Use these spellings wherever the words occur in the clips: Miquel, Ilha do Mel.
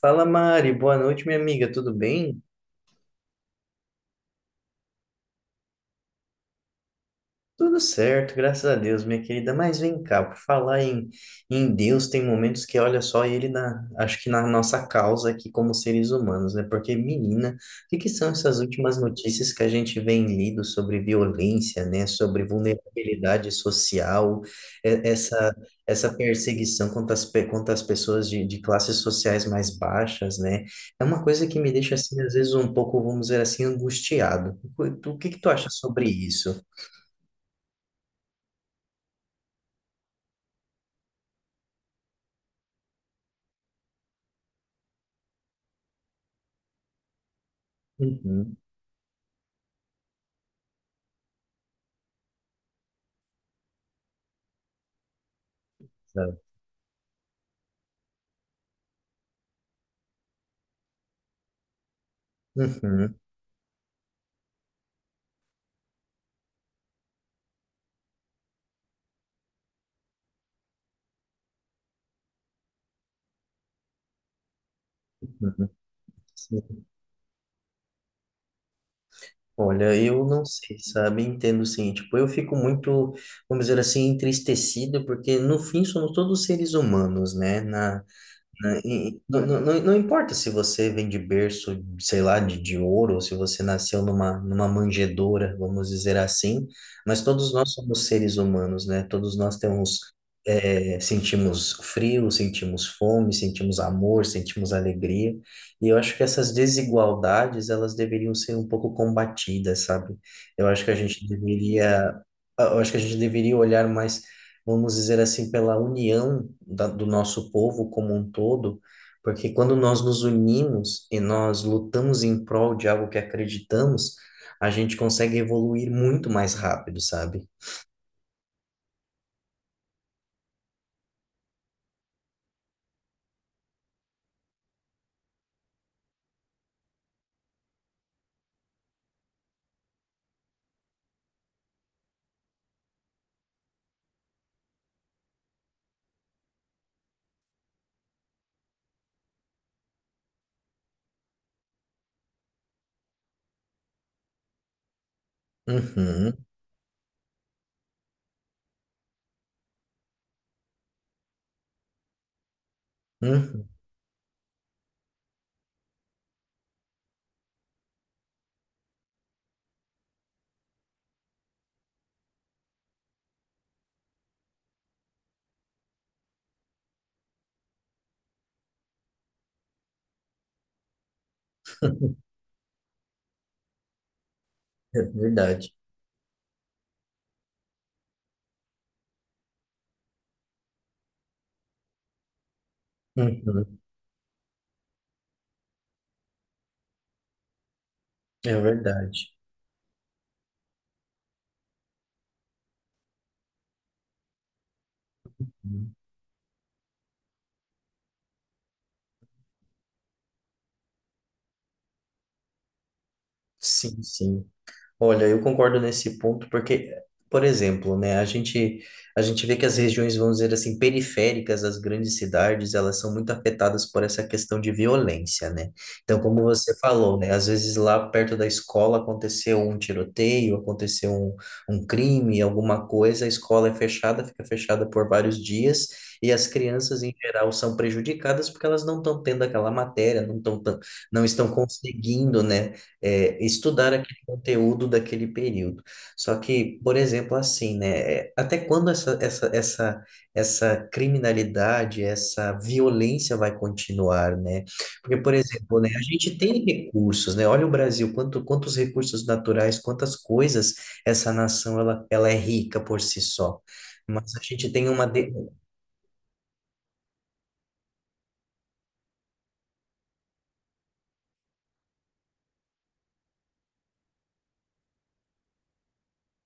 Fala Mari, boa noite, minha amiga, tudo bem? Tudo certo, graças a Deus, minha querida. Mas vem cá, por falar em Deus, tem momentos que olha só ele na, acho que na nossa causa aqui como seres humanos, né? Porque, menina, o que que são essas últimas notícias que a gente vem lido sobre violência, né? Sobre vulnerabilidade social, e- essa, essa perseguição contra as pessoas de classes sociais mais baixas, né? É uma coisa que me deixa, assim, às vezes um pouco, vamos dizer assim, angustiado. O que que tu acha sobre isso? Uhum, sabe? Uhum, uhum. Sim. Olha, eu não sei, sabe? Entendo sim. Tipo, eu fico muito, vamos dizer assim, entristecido, porque no fim somos todos seres humanos, né? Né? E não, não, não importa se você vem de berço, sei lá, de ouro, ou se você nasceu numa manjedoura, vamos dizer assim, mas todos nós somos seres humanos, né? Todos nós temos, é, sentimos frio, sentimos fome, sentimos amor, sentimos alegria, e eu acho que essas desigualdades, elas deveriam ser um pouco combatidas, sabe? Eu acho que a gente deveria, eu acho que a gente deveria olhar mais vamos dizer assim, pela união da, do nosso povo como um todo, porque quando nós nos unimos e nós lutamos em prol de algo que acreditamos, a gente consegue evoluir muito mais rápido, sabe? Uhum, uhum, é verdade. Uhum, é verdade. Sim, sim. Olha, eu concordo nesse ponto porque, por exemplo, né, a gente vê que as regiões, vamos dizer assim, periféricas das grandes cidades, elas são muito afetadas por essa questão de violência, né? Então, como você falou, né, às vezes lá perto da escola aconteceu um tiroteio, aconteceu um, um crime, alguma coisa, a escola é fechada, fica fechada por vários dias. E as crianças, em geral, são prejudicadas porque elas não estão tendo aquela matéria, não estão conseguindo, né, é, estudar conteúdo daquele período. Só que, por exemplo, assim, né? é, Até quando essa criminalidade, essa violência vai continuar, né? Porque, por exemplo, né, a gente tem recursos, né? Olha o Brasil, quanto, quantos recursos naturais, quantas coisas essa nação ela é rica por si só. Mas a gente tem uma. De...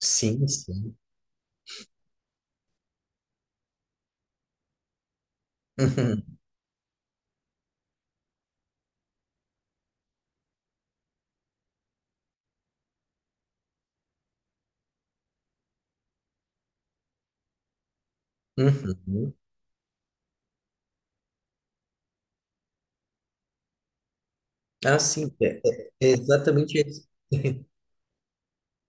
Sim, sim. Uhum, uhum. Ah, sim, é, é- é exatamente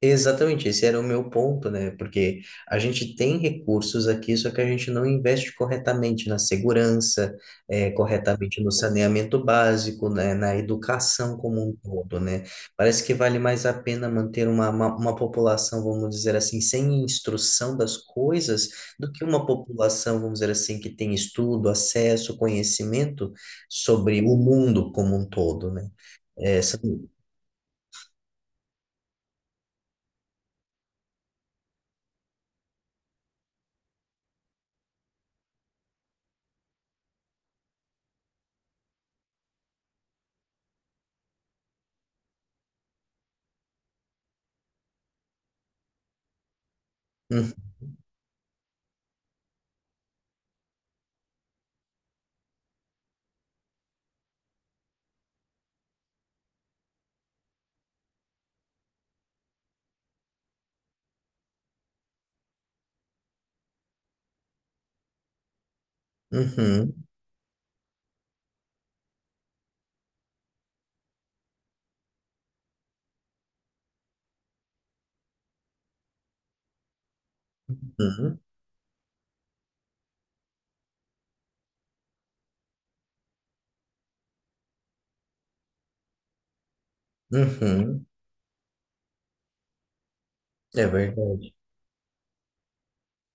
Exatamente, esse era o meu ponto, né? Porque a gente tem recursos aqui, só que a gente não investe corretamente na segurança, eh, corretamente no saneamento básico, né? Na educação como um todo, né? Parece que vale mais a pena manter uma, uma população, vamos dizer assim, sem instrução das coisas, do que uma população, vamos dizer assim, que tem estudo, acesso, conhecimento sobre o mundo como um todo, né? Eh, são- Uhum, uhum, uhum. Uhum. É verdade,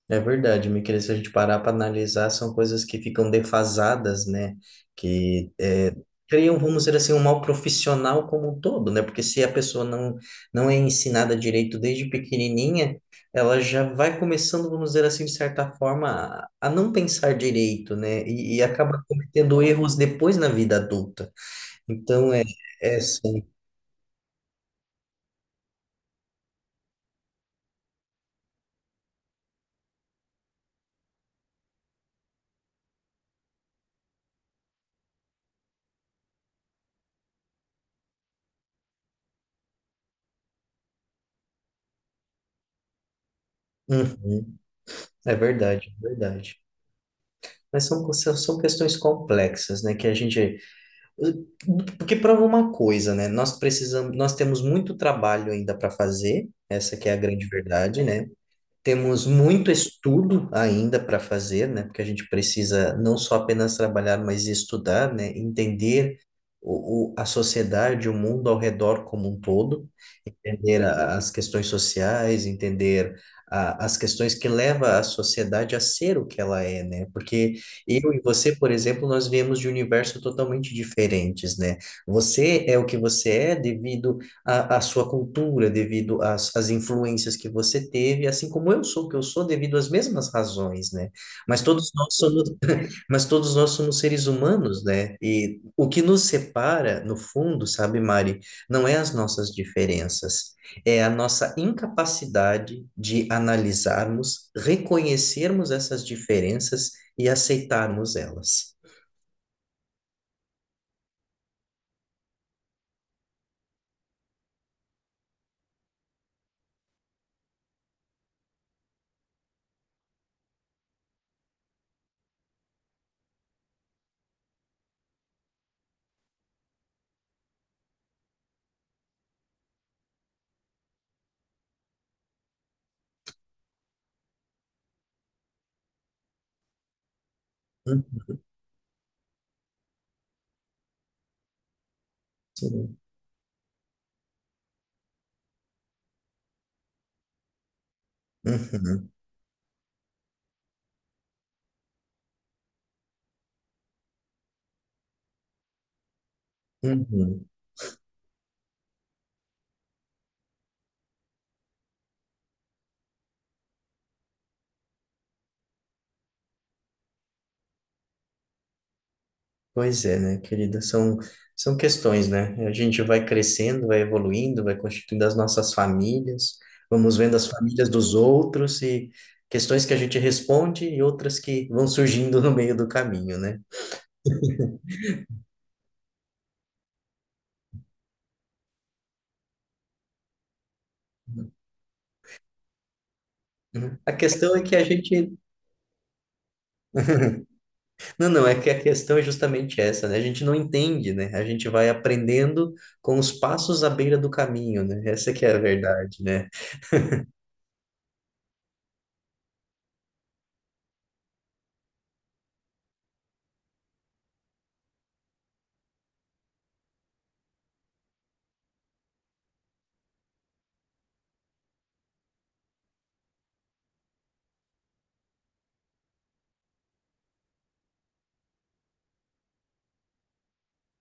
é verdade, Miquel, se a gente parar para analisar, são coisas que ficam defasadas, né? Que é, criam, vamos dizer assim, um mal profissional como um todo, né? Porque se a pessoa não, não é ensinada direito desde pequenininha, ela já vai começando, vamos dizer assim, de certa forma, a não pensar direito, né? E acaba cometendo erros depois na vida adulta. Então, é, assim, uhum, é verdade, é verdade. Mas são são questões complexas, né? Que a gente Porque prova uma coisa, né? Nós precisamos, nós temos muito trabalho ainda para fazer, essa que é a grande verdade, né? Temos muito estudo ainda para fazer, né? Porque a gente precisa não só apenas trabalhar, mas estudar, né? Entender a sociedade, o mundo ao redor como um todo, entender as questões sociais, entender as questões que levam a sociedade a ser o que ela é, né? Porque eu e você, por exemplo, nós viemos de universos totalmente diferentes, né? Você é o que você é devido a sua cultura, devido às, às influências que você teve, assim como eu sou o que eu sou devido às mesmas razões, né? Mas todos nós somos, mas todos nós somos seres humanos, né? E o que nos separa, no fundo, sabe, Mari, não é as nossas diferenças, é a nossa incapacidade de analisarmos, reconhecermos essas diferenças e aceitarmos elas. Uhum, uhum, uhum. Pois é, né, querida? São questões, né? A gente vai crescendo, vai evoluindo, vai constituindo as nossas famílias, vamos vendo as famílias dos outros e questões que a gente responde e outras que vão surgindo no meio do caminho, né? Uhum. A questão é que a gente. Não, não, é que a questão é justamente essa, né? A gente não entende, né? A gente vai aprendendo com os passos à beira do caminho, né? Essa que é a verdade, né?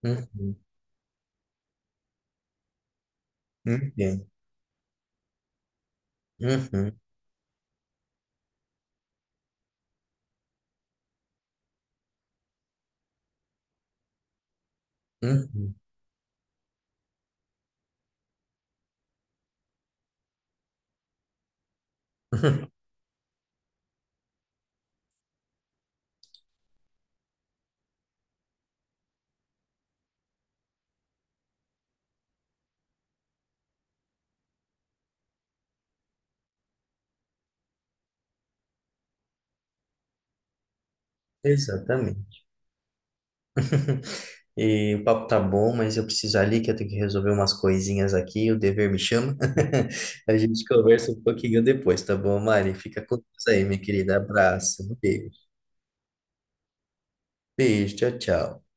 Uhum, entendo. Uhum, uhum. Exatamente. E o papo tá bom, mas eu preciso ali que eu tenho que resolver umas coisinhas aqui, o dever me chama. A gente conversa um pouquinho depois, tá bom, Mari? Fica com Deus aí, minha querida. Abraço, beijo. Beijo, tchau, tchau.